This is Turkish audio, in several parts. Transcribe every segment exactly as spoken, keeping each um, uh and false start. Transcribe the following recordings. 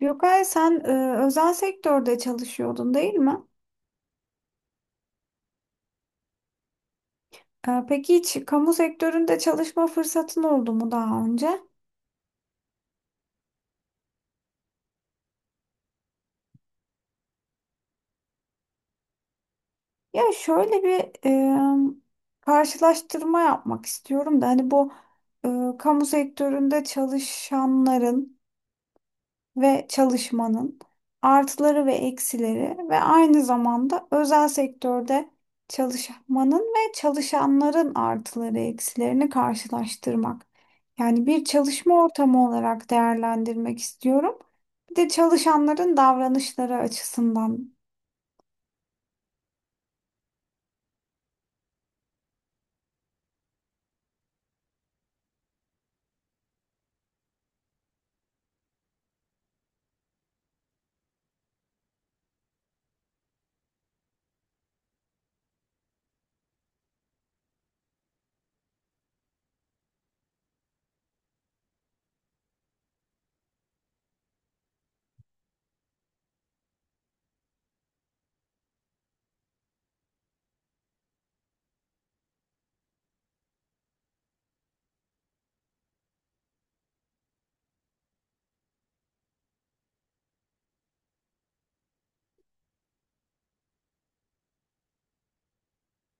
Gökay sen e, özel sektörde çalışıyordun değil mi? E, peki hiç kamu sektöründe çalışma fırsatın oldu mu daha önce? Ya şöyle bir e, karşılaştırma yapmak istiyorum da hani bu e, kamu sektöründe çalışanların ve çalışmanın artıları ve eksileri ve aynı zamanda özel sektörde çalışmanın ve çalışanların artıları eksilerini karşılaştırmak. Yani bir çalışma ortamı olarak değerlendirmek istiyorum. Bir de çalışanların davranışları açısından.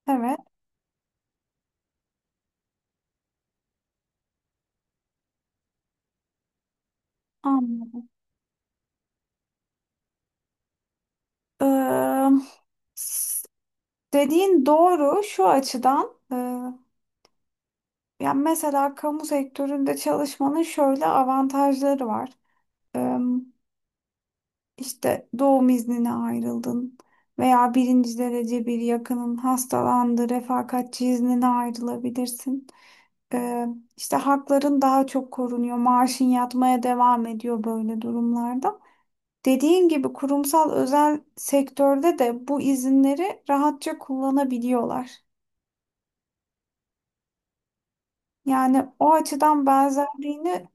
Evet, anladım. Ee, s- Dediğin doğru şu açıdan. E, yani mesela kamu sektöründe çalışmanın şöyle avantajları var. İşte doğum iznine ayrıldın veya birinci derece bir yakının hastalandı, refakatçi iznine ayrılabilirsin. Ee, işte hakların daha çok korunuyor, maaşın yatmaya devam ediyor böyle durumlarda. Dediğin gibi kurumsal özel sektörde de bu izinleri rahatça kullanabiliyorlar. Yani o açıdan benzerliğini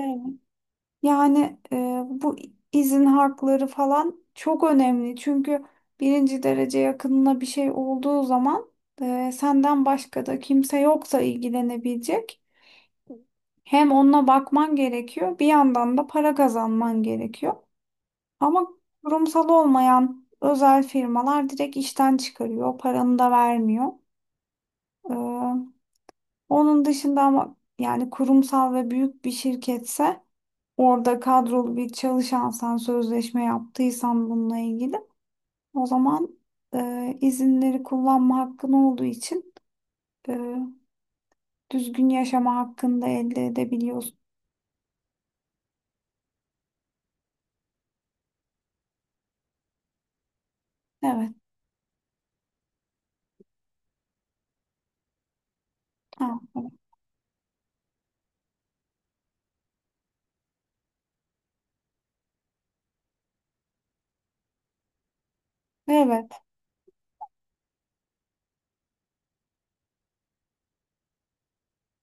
evet, yani e, bu izin hakları falan çok önemli. Çünkü birinci derece yakınına bir şey olduğu zaman e, senden başka da kimse yoksa ilgilenebilecek. Hem onunla bakman gerekiyor, bir yandan da para kazanman gerekiyor. Ama kurumsal olmayan özel firmalar direkt işten çıkarıyor, paranı da vermiyor. E, Onun dışında ama yani kurumsal ve büyük bir şirketse orada kadrolu bir çalışansan, sözleşme yaptıysan bununla ilgili o zaman e, izinleri kullanma hakkın olduğu için e, düzgün yaşama hakkını da elde edebiliyorsun. Evet. Ha, evet.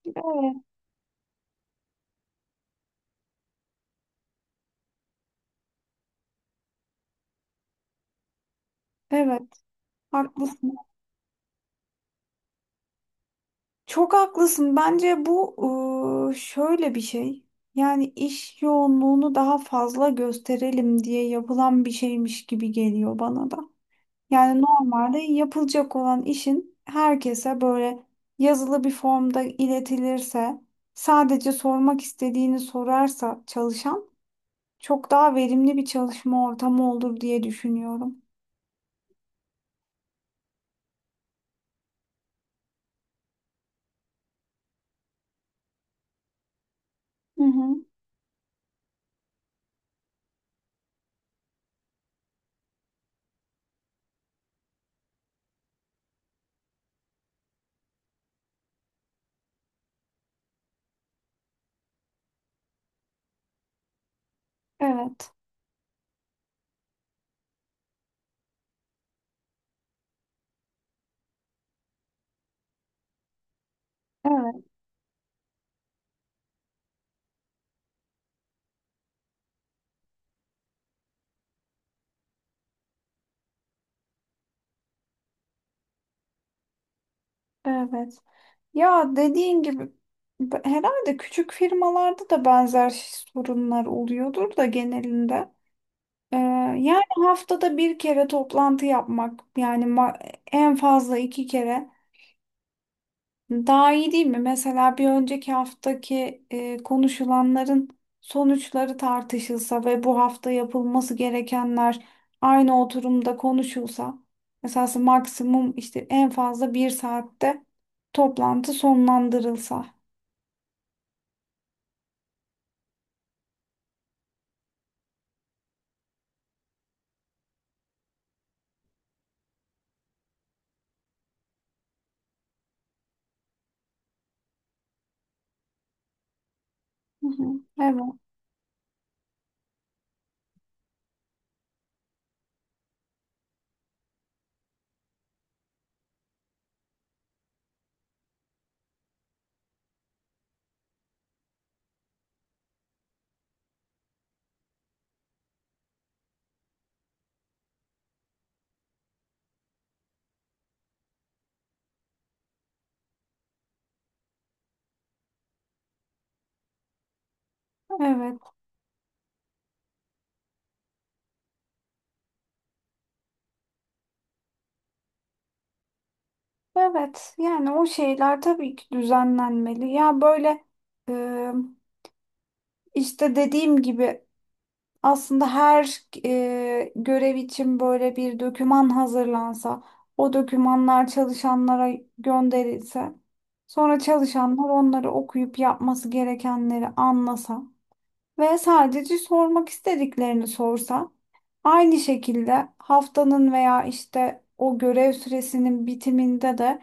Evet. Evet. Haklısın. Çok haklısın. Bence bu e, şöyle bir şey. Yani iş yoğunluğunu daha fazla gösterelim diye yapılan bir şeymiş gibi geliyor bana da. Yani normalde yapılacak olan işin herkese böyle yazılı bir formda iletilirse, sadece sormak istediğini sorarsa çalışan çok daha verimli bir çalışma ortamı olur diye düşünüyorum. Hı hı. Evet, evet, evet. Ya dediğin gibi b- herhalde küçük firmalarda da benzer sorunlar oluyordur da genelinde. Ee, Yani haftada bir kere toplantı yapmak yani ma- en fazla iki kere. Daha iyi değil mi? Mesela bir önceki haftaki e, konuşulanların sonuçları tartışılsa ve bu hafta yapılması gerekenler aynı oturumda konuşulsa, esası maksimum işte en fazla bir saatte toplantı sonlandırılsa. Hı hı. Evet, evet. Evet yani o şeyler tabii ki düzenlenmeli. Ya böyle e, işte dediğim gibi aslında her e, görev için böyle bir doküman hazırlansa, o dokümanlar çalışanlara gönderilse, sonra çalışanlar onları okuyup yapması gerekenleri anlasa ve sadece sormak istediklerini sorsa, aynı şekilde haftanın veya işte o görev süresinin bitiminde de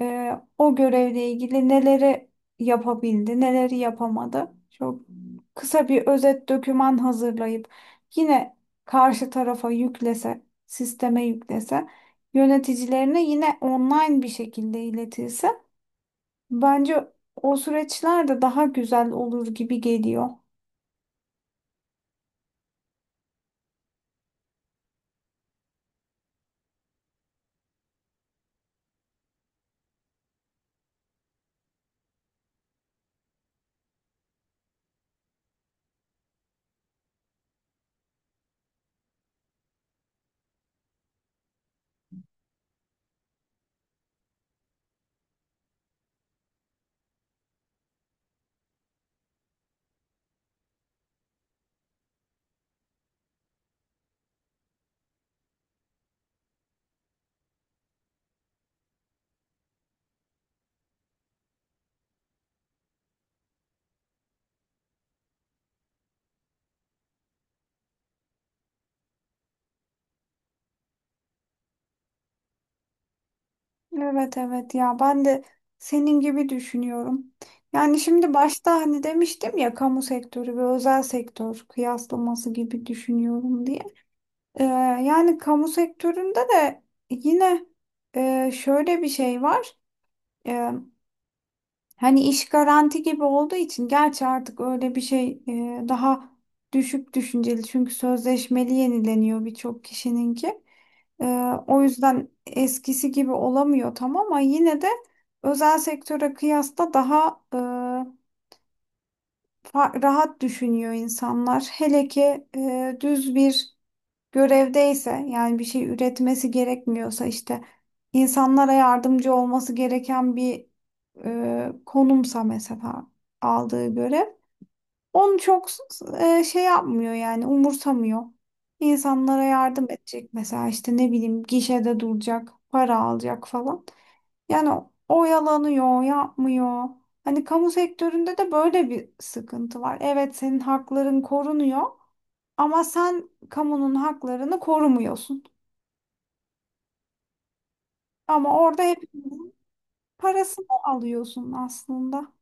e, o görevle ilgili neleri yapabildi, neleri yapamadı. Çok kısa bir özet doküman hazırlayıp yine karşı tarafa yüklese, sisteme yüklese, yöneticilerine yine online bir şekilde iletilse bence o süreçler de daha güzel olur gibi geliyor. Evet evet ya ben de senin gibi düşünüyorum. Yani şimdi başta hani demiştim ya kamu sektörü ve özel sektör kıyaslaması gibi düşünüyorum diye. Ee, yani kamu sektöründe de yine e, şöyle bir şey var. Ee, Hani iş garanti gibi olduğu için gerçi artık öyle bir şey e, daha düşük düşünceli çünkü sözleşmeli yenileniyor birçok kişininki. Ee, O yüzden eskisi gibi olamıyor tam ama yine de özel sektöre kıyasla daha e, fa- rahat düşünüyor insanlar. Hele ki e, düz bir görevdeyse yani bir şey üretmesi gerekmiyorsa işte insanlara yardımcı olması gereken bir e, konumsa mesela aldığı görev. Onu çok e, şey yapmıyor yani umursamıyor. İnsanlara yardım edecek mesela işte ne bileyim gişede duracak, para alacak falan. Yani o- oyalanıyor, yapmıyor. Hani kamu sektöründe de böyle bir sıkıntı var. Evet senin hakların korunuyor ama sen kamunun haklarını korumuyorsun. Ama orada hep parasını alıyorsun aslında.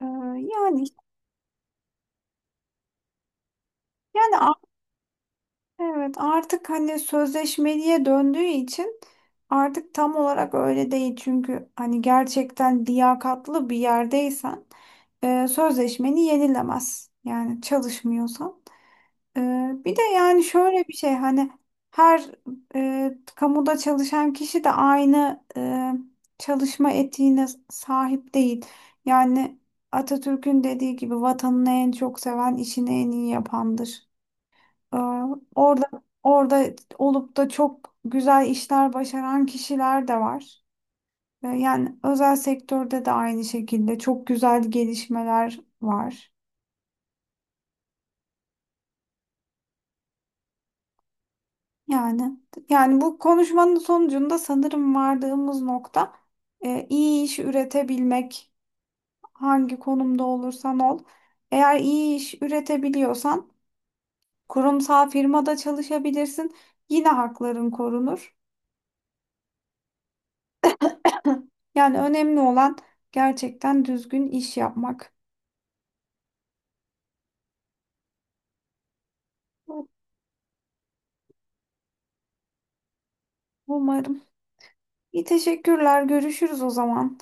Ee, yani yani Evet, artık hani sözleşmeliye döndüğü için artık tam olarak öyle değil. Çünkü hani gerçekten liyakatlı bir yerdeysen e, sözleşmeni yenilemez. Yani çalışmıyorsan. E, Bir de yani şöyle bir şey hani her e, kamuda çalışan kişi de aynı e, çalışma etiğine sahip değil. Yani Atatürk'ün dediği gibi vatanını en çok seven işini en iyi yapandır. Aa, Orada orada olup da çok güzel işler başaran kişiler de var. Ee, Yani özel sektörde de aynı şekilde çok güzel gelişmeler var. Yani yani bu konuşmanın sonucunda sanırım vardığımız nokta e, iyi iş üretebilmek. Hangi konumda olursan ol. Eğer iyi iş üretebiliyorsan kurumsal firmada çalışabilirsin. Yine hakların korunur. Yani önemli olan gerçekten düzgün iş yapmak. Umarım. İyi, teşekkürler. Görüşürüz o zaman.